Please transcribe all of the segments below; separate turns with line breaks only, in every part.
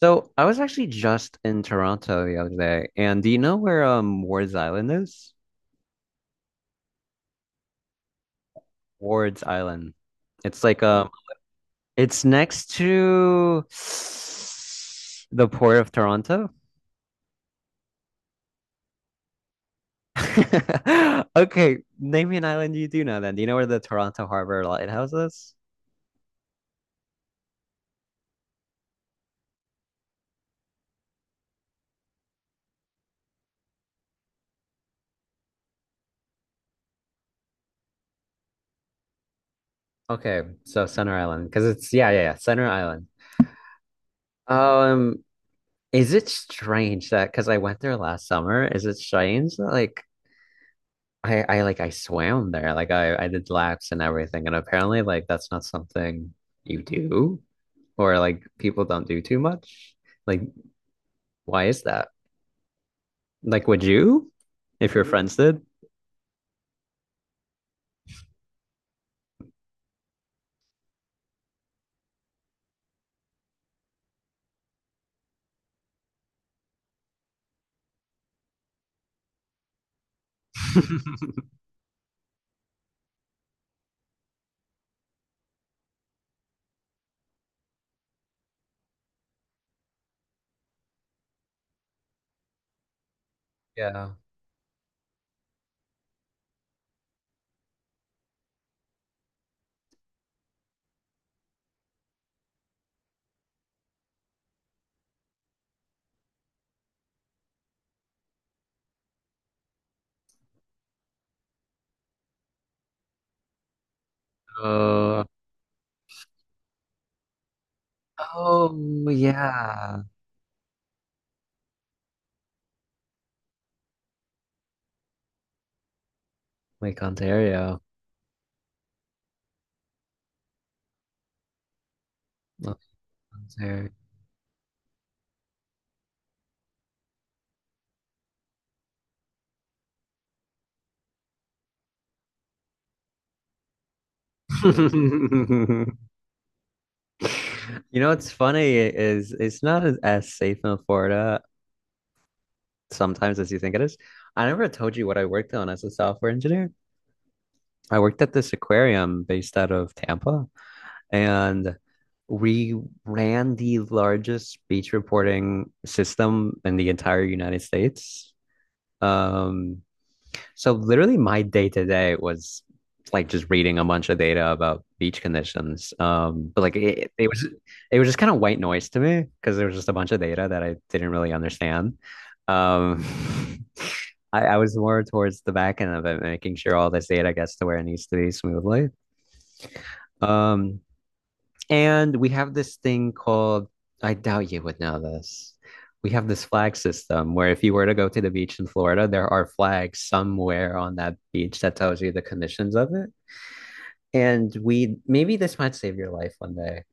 So I was actually just in Toronto the other day, and do you know where Ward's Island is? Ward's Island. It's like it's next to the Port of Toronto. Okay, name me an island you do know then. Do you know where the Toronto Harbor Lighthouse is? Okay, so Center Island, because it's yeah, yeah, yeah, Center Island. Um, is it strange that because I went there last summer, is it strange that like I like I swam there. Like I did laps and everything. And apparently like that's not something you do or like people don't do too much. Like why is that? Like would you if your friends did? Yeah. Uh, oh yeah. Lake Ontario. Lake Ontario. You know what's funny is it's not as safe in Florida sometimes as you think it is. I never told you what I worked on as a software engineer. I worked at this aquarium based out of Tampa, and we ran the largest beach reporting system in the entire United States. Um, so literally my day to day was like just reading a bunch of data about beach conditions. But like it was just kind of white noise to me because there was just a bunch of data that I didn't really understand. Um, I was more towards the back end of it, making sure all this data gets to where it needs to be smoothly. Um, and we have this thing called, I doubt you would know this. We have this flag system where if you were to go to the beach in Florida, there are flags somewhere on that beach that tells you the conditions of it. And we maybe this might save your life one day.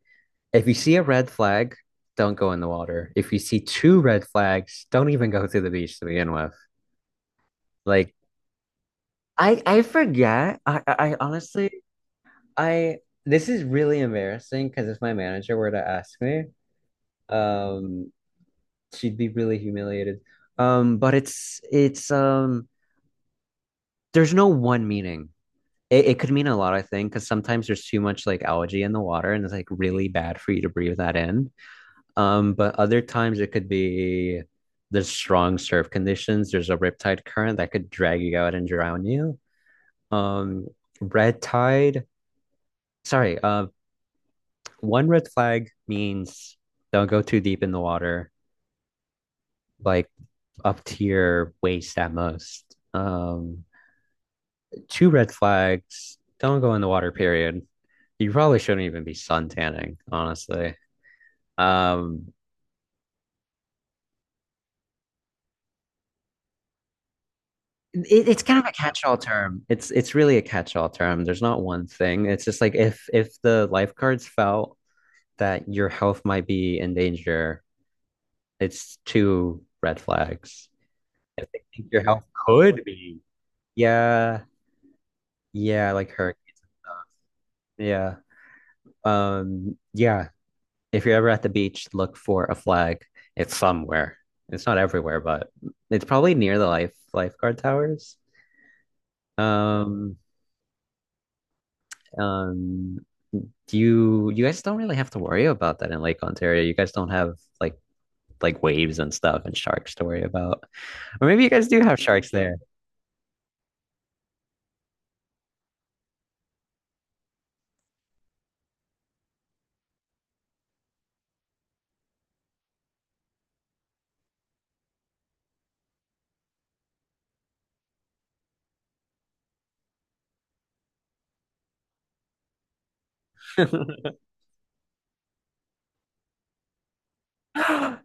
If you see a red flag, don't go in the water. If you see two red flags, don't even go to the beach to begin with. Like I forget. I honestly I this is really embarrassing because if my manager were to ask me, Um, she'd be really humiliated. But it's there's no one meaning. It could mean a lot, I think, because sometimes there's too much like algae in the water and it's like really bad for you to breathe that in. But other times it could be there's strong surf conditions, there's a riptide current that could drag you out and drown you. Um, red tide, sorry, one red flag means don't go too deep in the water. Like up to your waist at most. Um, two red flags. Don't go in the water, period. You probably shouldn't even be sun tanning, honestly. Um, it's kind of a catch-all term. It's really a catch-all term. There's not one thing. It's just like if the lifeguards felt that your health might be in danger, it's two red flags. If they think your health could be, yeah, yeah, like hurricane. Yeah. Yeah, if you're ever at the beach, look for a flag. It's somewhere. It's not everywhere, but it's probably near the lifeguard towers. Um, um, you guys don't really have to worry about that in Lake Ontario. You guys don't have like waves and stuff and sharks to worry about. Or maybe you guys do have sharks there.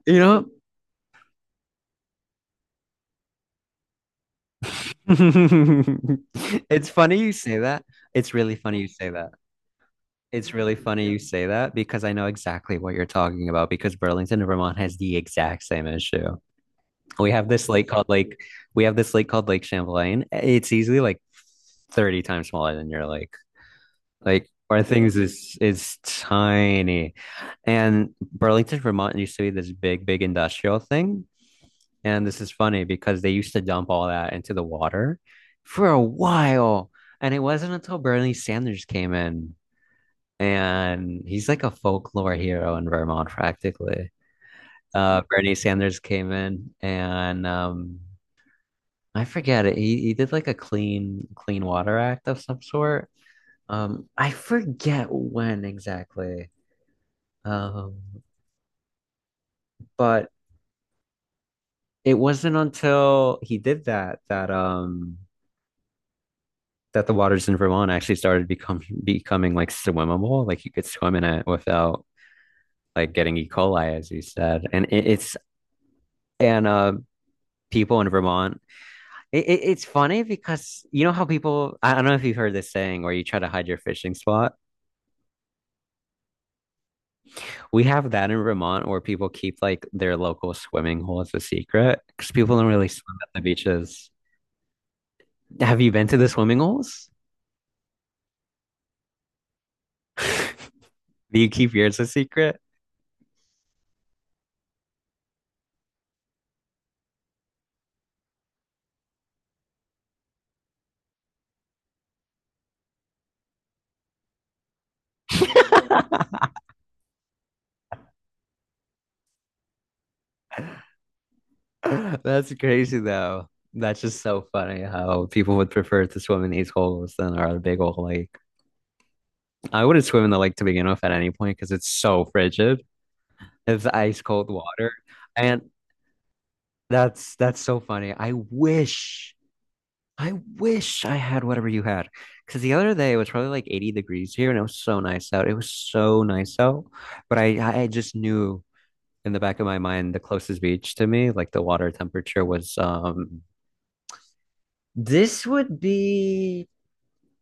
You know? It's funny you say that. It's really funny you say that. It's really funny you say that because I know exactly what you're talking about because Burlington, Vermont has the exact same issue. We have this lake called Lake, we have this lake called Lake Champlain. It's easily like 30 times smaller than your lake. Like our things is tiny. And Burlington, Vermont used to be this big, big industrial thing. And this is funny because they used to dump all that into the water for a while. And it wasn't until Bernie Sanders came in and he's like a folklore hero in Vermont practically. Bernie Sanders came in and I forget it. He did like a clean water act of some sort. I forget when exactly. Um, but it wasn't until he did that that that the waters in Vermont actually started become becoming like swimmable. Like you could swim in it without like getting E. coli, as you said. And it, it's and people in Vermont it's funny because you know how people, I don't know if you've heard this saying where you try to hide your fishing spot. We have that in Vermont where people keep like their local swimming hole as a secret because people don't really swim at the beaches. Have you been to the swimming holes? Do you keep yours a secret? That's crazy though. That's just so funny how people would prefer to swim in these holes than our big old lake. I wouldn't swim in the lake to begin with at any point because it's so frigid. It's ice cold water. And that's so funny. I wish I had whatever you had. Because the other day it was probably like 80 degrees here and it was so nice out. It was so nice out. But I just knew in the back of my mind the closest beach to me, like the water temperature was this would be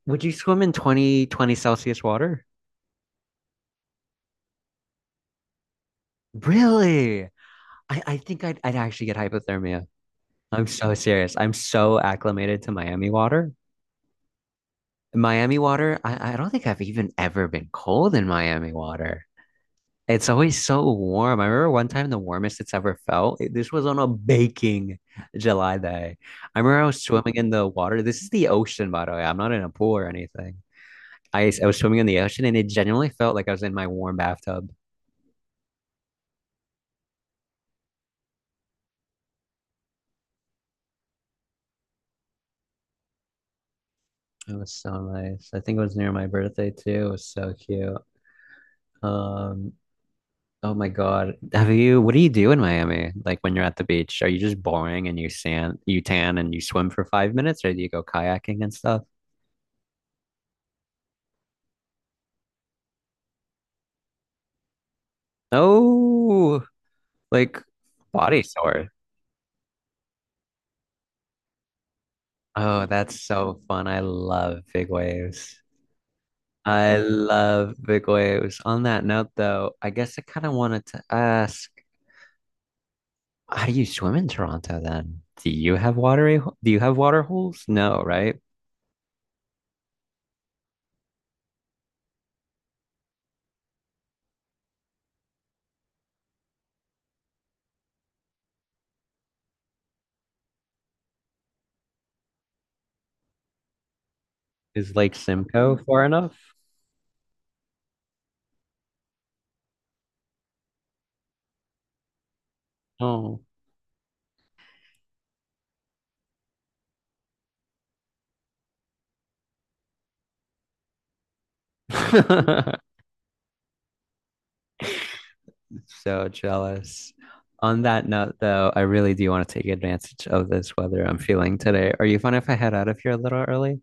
would you swim in twenty Celsius water? Really? I think I'd actually get hypothermia. I'm so serious. I'm so acclimated to Miami water, I don't think I've even ever been cold in Miami water. It's always so warm. I remember one time the warmest it's ever felt. This was on a baking July day. I remember I was swimming in the water. This is the ocean, by the way. I'm not in a pool or anything. I was swimming in the ocean and it genuinely felt like I was in my warm bathtub. It was so nice. I think it was near my birthday too. It was so cute. Um, Oh my God. What do you do in Miami? Like when you're at the beach, are you just boring and you sand, you tan and you swim for 5 minutes or do you go kayaking and stuff? Oh, like body sore. Oh, that's so fun. I love big waves. I love big waves. On that note, though, I guess I kind of wanted to ask, how do you swim in Toronto then? Do you have do you have water holes? No, right? Is Lake Simcoe far enough? Oh. So jealous. On that note, though, I really do want to take advantage of this weather I'm feeling today. Are you fine if I head out of here a little early?